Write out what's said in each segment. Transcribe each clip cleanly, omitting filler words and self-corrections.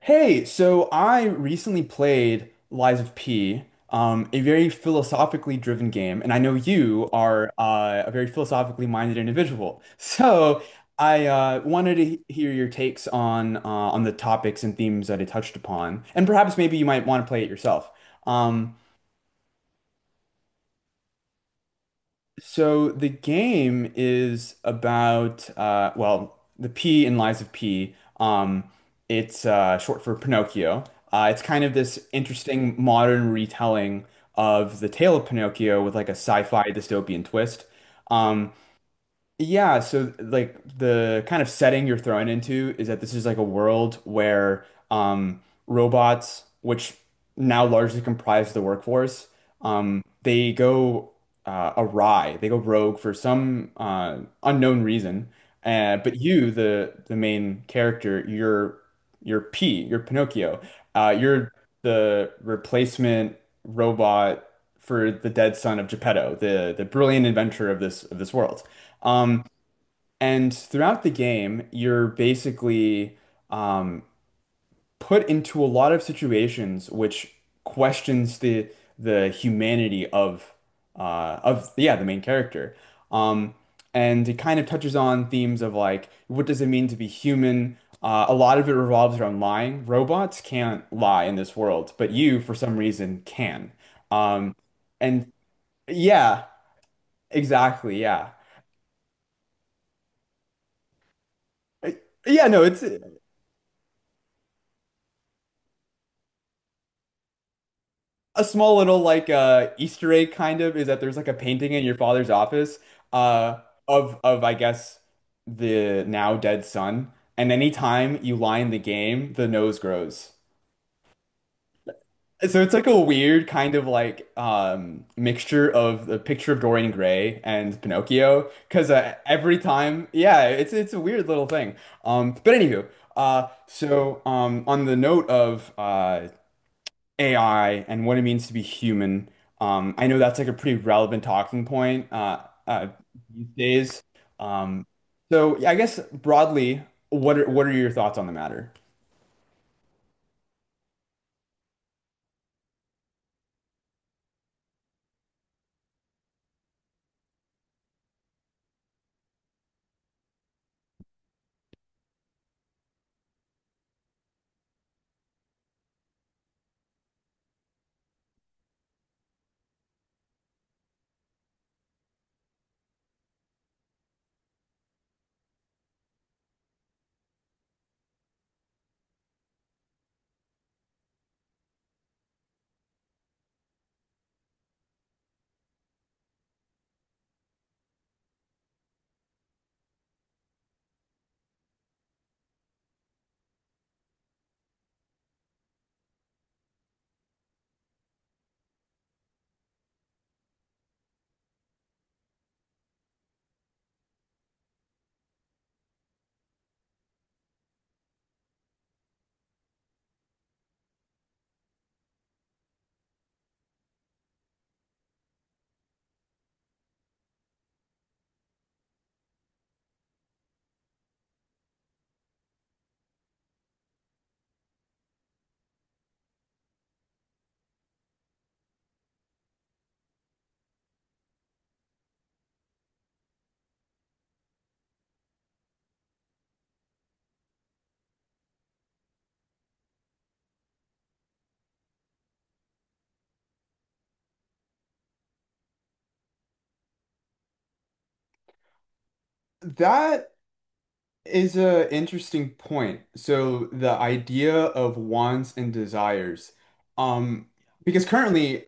Hey, so I recently played Lies of P, a very philosophically driven game, and I know you are a very philosophically minded individual. So I wanted to hear your takes on the topics and themes that it touched upon, and perhaps maybe you might want to play it yourself. Um, So the game is about well, the P in Lies of P. It's short for Pinocchio. It's kind of this interesting modern retelling of the tale of Pinocchio with like a sci-fi dystopian twist. Um, yeah, so like the kind of setting you're thrown into is that this is like a world where robots, which now largely comprise the workforce, they go awry, they go rogue for some unknown reason. But you, the main character, you're P, you're Pinocchio. You're the replacement robot for the dead son of Geppetto, the brilliant inventor of this world. Um, and throughout the game, you're basically um, put into a lot of situations which questions the humanity of yeah the main character. Um, and it kind of touches on themes of like, what does it mean to be human? A lot of it revolves around lying. Robots can't lie in this world, but you, for some reason, can. Um, and yeah, exactly, yeah. Uh, Yeah, no, it's a small little like Easter egg kind of is that there's like a painting in your father's office uh of I guess the now dead son. And anytime you lie in the game, the nose grows. So it's like a weird kind of like mixture of The Picture of Dorian Gray and Pinocchio because every time yeah it's a weird little thing but anywho so on the note of AI and what it means to be human. I know that's like a pretty relevant talking point uh, these days. Um, so yeah, I guess broadly, what are your thoughts on the matter? That is an interesting point. So the idea of wants and desires, um, because currently,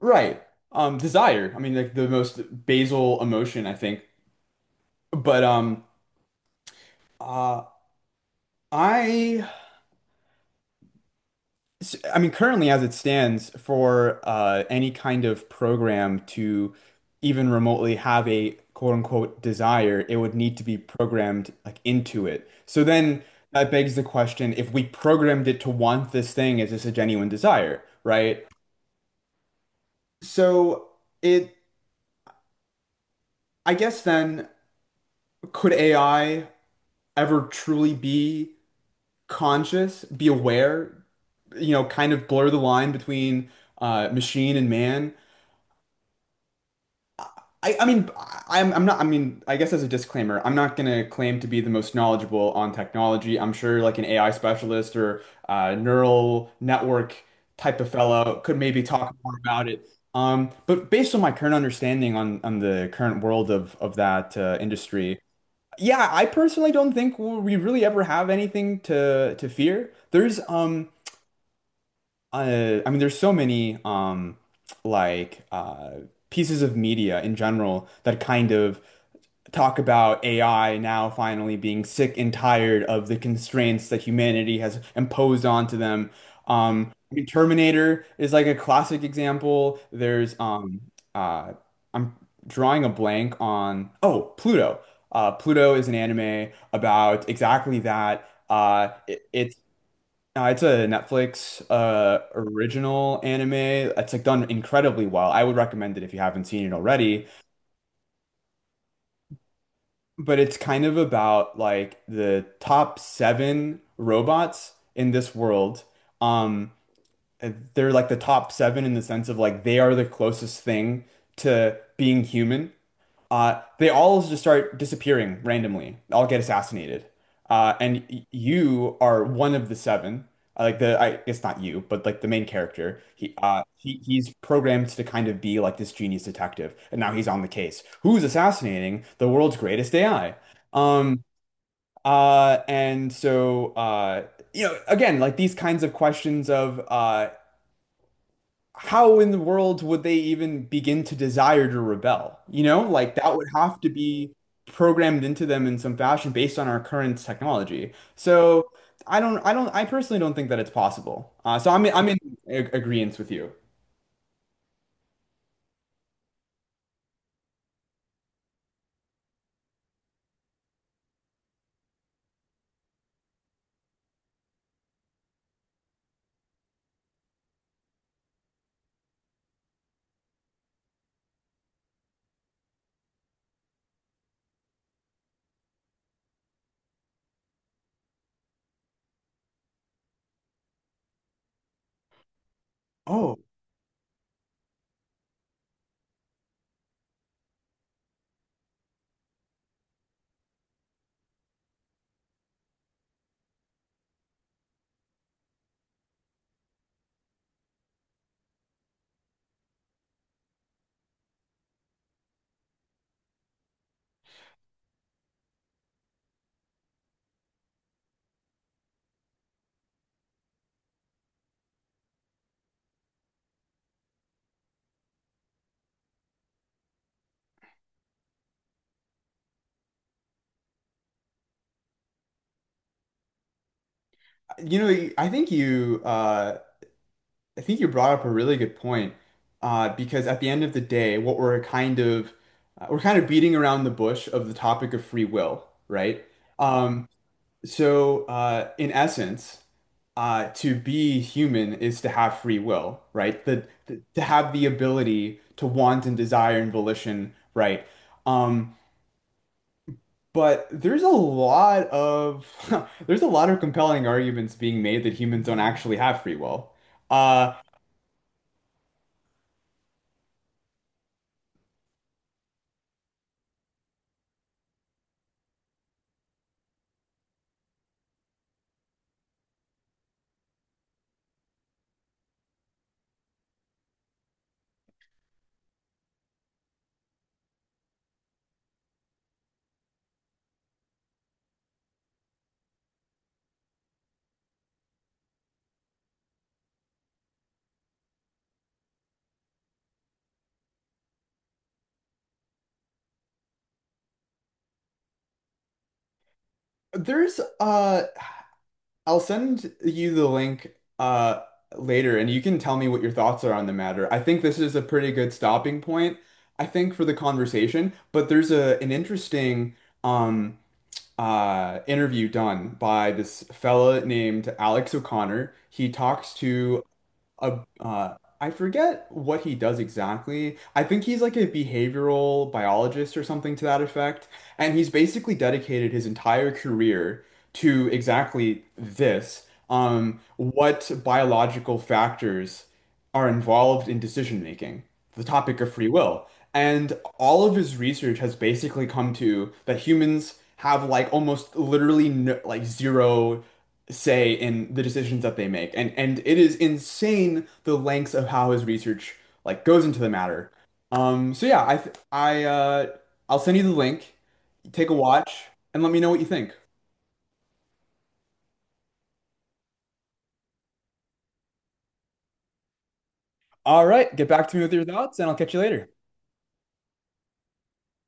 right, desire. I mean, like the most basal emotion, I think. But um, uh, I I mean, currently, as it stands, for any kind of program to even remotely have a quote unquote desire, it would need to be programmed like into it. So then that begs the question, if we programmed it to want this thing, is this a genuine desire, right? So it, I guess then, could AI ever truly be conscious, be aware, you know, kind of blur the line between machine and man? I, I mean, I'm not, I mean, I guess as a disclaimer, I'm not going to claim to be the most knowledgeable on technology. I'm sure like an AI specialist or neural network type of fellow could maybe talk more about it. But based on my current understanding on the current world of that industry, yeah, I personally don't think we really ever have anything to fear. I mean, there's so many like uh, pieces of media in general that kind of talk about AI now finally being sick and tired of the constraints that humanity has imposed onto them. I mean, Terminator is like a classic example. There's uh, I'm drawing a blank on oh Pluto. Pluto is an anime about exactly that. It, no, it's a Netflix original anime that's like done incredibly well. I would recommend it if you haven't seen it already. But it's kind of about like the top seven robots in this world. Um, they're like the top seven in the sense of like they are the closest thing to being human. They all just start disappearing randomly, all get assassinated. You are one of the seven. It's not you, but like the main character. He's programmed to kind of be like this genius detective, and now he's on the case. Who's assassinating the world's greatest AI? Um, and so, you know, again, like these kinds of questions of, how in the world would they even begin to desire to rebel? You know, like that would have to be programmed into them in some fashion based on our current technology. So I don't, I personally don't think that it's possible. I'm in ag agreement with you. Oh, you know, I think you brought up a really good point. Because at the end of the day, what we're kind of beating around the bush of the topic of free will, right? Um, in essence, to be human is to have free will, right? The To have the ability to want and desire and volition, right? Um, but there's a lot of there's a lot of compelling arguments being made that humans don't actually have free will. Uh, there's I'll send you the link uh later and you can tell me what your thoughts are on the matter. I think this is a pretty good stopping point, I think, for the conversation, but there's a an interesting um interview done by this fella named Alex O'Connor. He talks to a I forget what he does exactly. I think he's like a behavioral biologist or something to that effect, and he's basically dedicated his entire career to exactly this, what biological factors are involved in decision making, the topic of free will. And all of his research has basically come to that humans have like almost literally no, like zero say in the decisions that they make. And it is insane the lengths of how his research like goes into the matter. So yeah, I th I I'll send you the link. Take a watch and let me know what you think. All right, get back to me with your thoughts and I'll catch you later.